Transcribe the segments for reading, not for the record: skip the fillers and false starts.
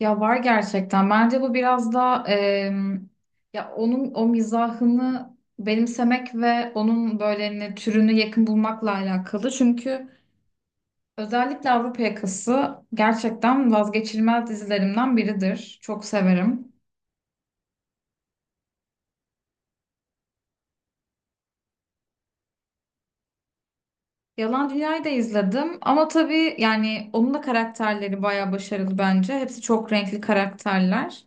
Ya var gerçekten. Bence bu biraz da ya onun o mizahını benimsemek ve onun böyle türünü yakın bulmakla alakalı. Çünkü özellikle Avrupa Yakası gerçekten vazgeçilmez dizilerimden biridir. Çok severim. Yalan Dünya'yı da izledim ama tabii yani onun da karakterleri bayağı başarılı bence. Hepsi çok renkli karakterler.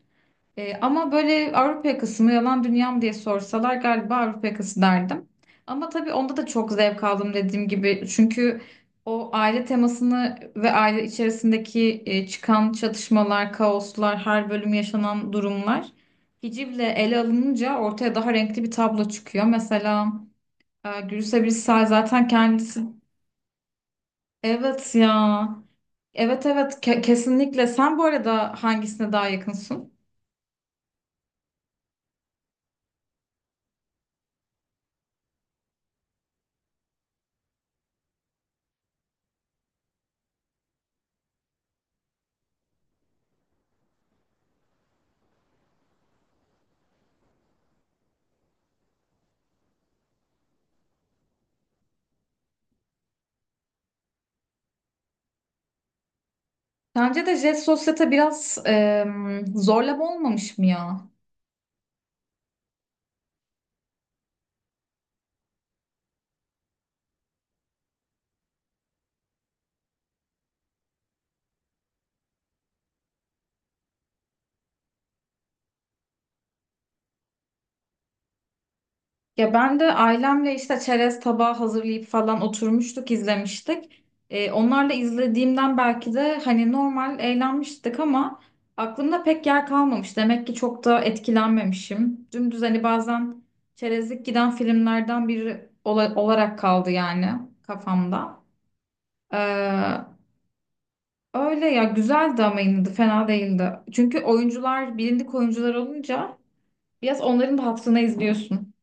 Ama böyle Avrupa yakası mı yalan dünyam diye sorsalar galiba Avrupa yakası derdim. Ama tabii onda da çok zevk aldım dediğim gibi. Çünkü o aile temasını ve aile içerisindeki çıkan çatışmalar, kaoslar, her bölüm yaşanan durumlar hicivle ele alınınca ortaya daha renkli bir tablo çıkıyor. Mesela Gülse Birsel zaten kendisi... Evet ya. Evet, evet, kesinlikle. Sen bu arada hangisine daha yakınsın? Sence de Jet Sosyete biraz zorlama olmamış mı ya? Ya ben de ailemle işte çerez tabağı hazırlayıp falan oturmuştuk, izlemiştik. Onlarla izlediğimden belki de hani normal eğlenmiştik ama aklımda pek yer kalmamış. Demek ki çok da etkilenmemişim. Dümdüz hani bazen çerezlik giden filmlerden biri olarak kaldı yani kafamda. Ee, Öyle ya, güzeldi ama yine de fena değildi. Çünkü oyuncular bilindik oyuncular olunca biraz onların da hatırına izliyorsun.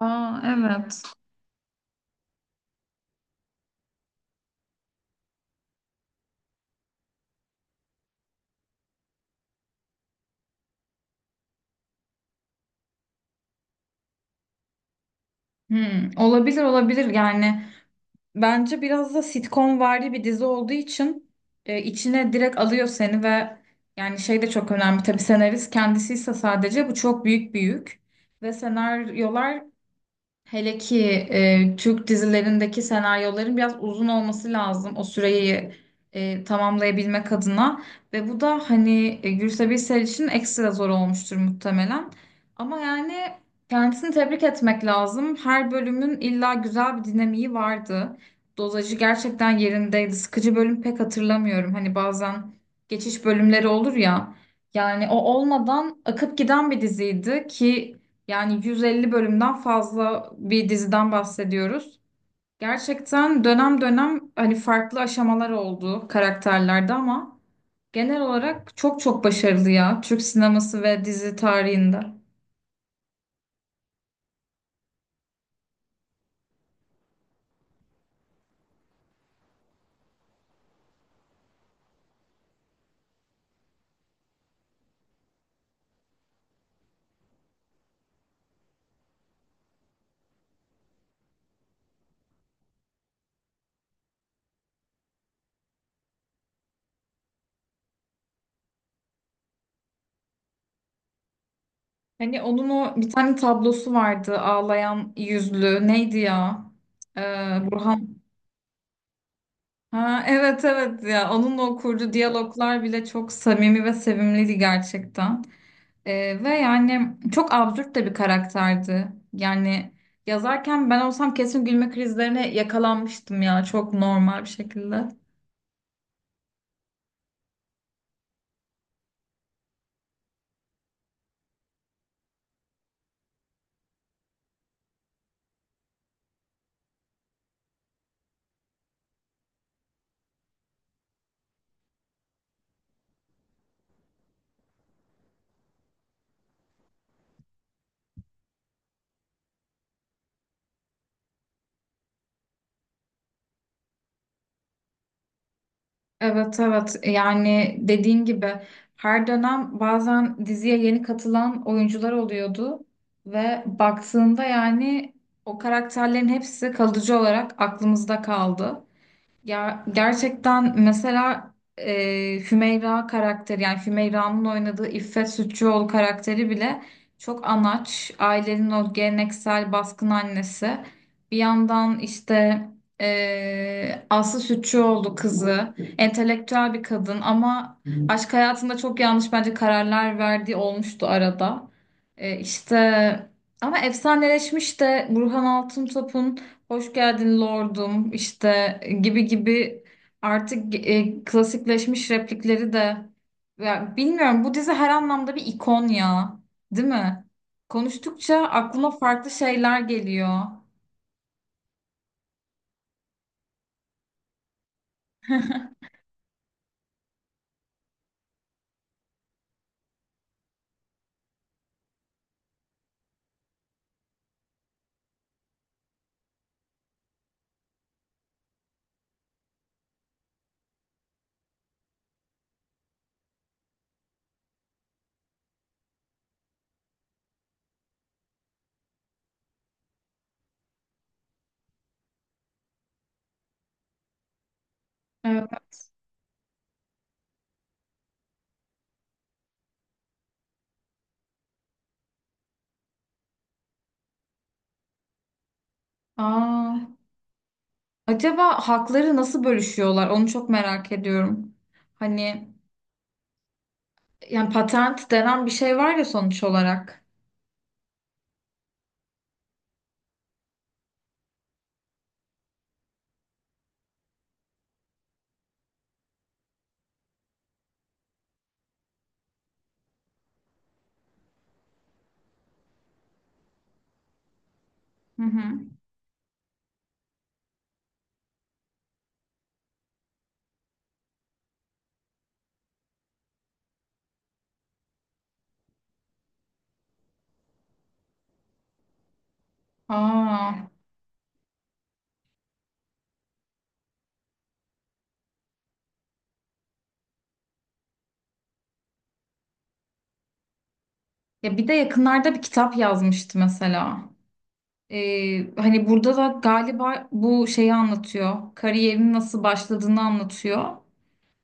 Aa, evet. Hmm, olabilir, olabilir. Yani bence biraz da sitcom vari bir dizi olduğu için içine direkt alıyor seni. Ve yani şey de çok önemli tabii, senarist kendisi ise sadece bu çok büyük ve senaryolar. Hele ki Türk dizilerindeki senaryoların biraz uzun olması lazım o süreyi tamamlayabilmek adına. Ve bu da hani Gülse Birsel için ekstra zor olmuştur muhtemelen. Ama yani kendisini tebrik etmek lazım. Her bölümün illa güzel bir dinamiği vardı. Dozajı gerçekten yerindeydi. Sıkıcı bölüm pek hatırlamıyorum. Hani bazen geçiş bölümleri olur ya. Yani o olmadan akıp giden bir diziydi ki, yani 150 bölümden fazla bir diziden bahsediyoruz. Gerçekten dönem dönem hani farklı aşamalar oldu karakterlerde ama genel olarak çok çok başarılı ya, Türk sineması ve dizi tarihinde. Hani onun o bir tane tablosu vardı, ağlayan yüzlü, neydi ya? Ee, Burhan. Ha, evet, evet ya, onun da o kurduğu diyaloglar bile çok samimi ve sevimliydi gerçekten. Ve yani çok absürt de bir karakterdi. Yani yazarken ben olsam kesin gülme krizlerine yakalanmıştım ya, çok normal bir şekilde. Evet, evet, yani dediğin gibi her dönem bazen diziye yeni katılan oyuncular oluyordu ve baktığında yani o karakterlerin hepsi kalıcı olarak aklımızda kaldı. Ya gerçekten, mesela Hümeyra karakteri, yani Hümeyra'nın oynadığı İffet Sütçüoğlu karakteri bile çok anaç. Ailenin o geleneksel baskın annesi. Bir yandan işte Aslı Sütçüoğlu kızı entelektüel bir kadın ama aşk hayatında çok yanlış bence kararlar verdiği olmuştu arada. E, işte ama efsaneleşmiş de Burhan Altıntop'un "Hoş geldin lordum" işte gibi gibi artık klasikleşmiş replikleri de. Ya bilmiyorum, bu dizi her anlamda bir ikon ya, değil mi? Konuştukça aklıma farklı şeyler geliyor. Evet. Aa, acaba hakları nasıl bölüşüyorlar, onu çok merak ediyorum. Hani yani patent denen bir şey var ya, sonuç olarak. Hı hı. Aa, ya bir de yakınlarda bir kitap yazmıştı mesela. Hani burada da galiba bu şeyi anlatıyor. Kariyerin nasıl başladığını anlatıyor.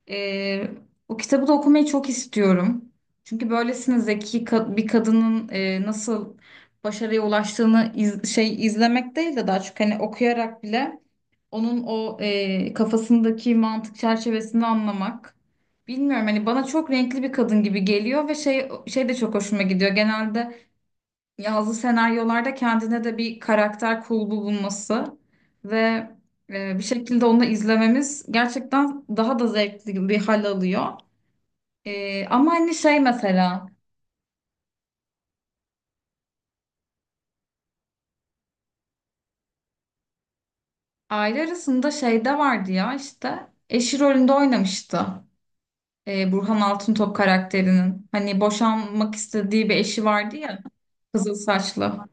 Ee, O kitabı da okumayı çok istiyorum. Çünkü böylesine zeki bir kadının nasıl başarıya ulaştığını şey, izlemek değil de daha çok hani okuyarak bile onun o kafasındaki mantık çerçevesini anlamak. Bilmiyorum, hani bana çok renkli bir kadın gibi geliyor ve şey de çok hoşuma gidiyor. Genelde yazdığı senaryolarda kendine de bir karakter kulbu bulması ve bir şekilde onu izlememiz gerçekten daha da zevkli bir hal alıyor. Ama hani şey, mesela aile arasında şeyde vardı ya, işte eşi rolünde oynamıştı. Burhan Altıntop karakterinin. Hani boşanmak istediği bir eşi vardı ya, kızıl saçlı.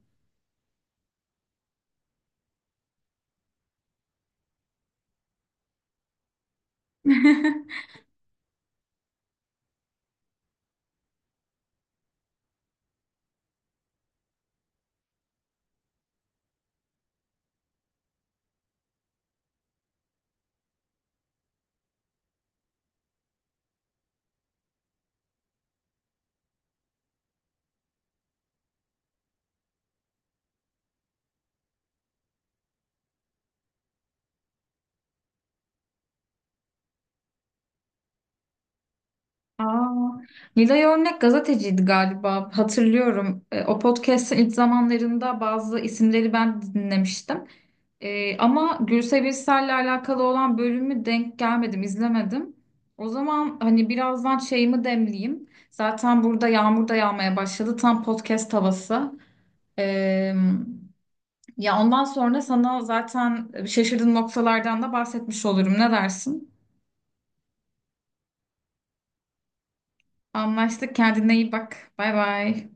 Aa, Nilay Örnek gazeteciydi galiba, hatırlıyorum. O podcast'in ilk zamanlarında bazı isimleri ben de dinlemiştim. Ama Gülse Birsel'le alakalı olan bölümü denk gelmedim, izlemedim. O zaman hani birazdan şeyimi demleyeyim. Zaten burada yağmur da yağmaya başladı. Tam podcast havası. E, Ya ondan sonra sana zaten şaşırdığın noktalardan da bahsetmiş olurum. Ne dersin? Anlaştık. Kendine iyi bak. Bay bay.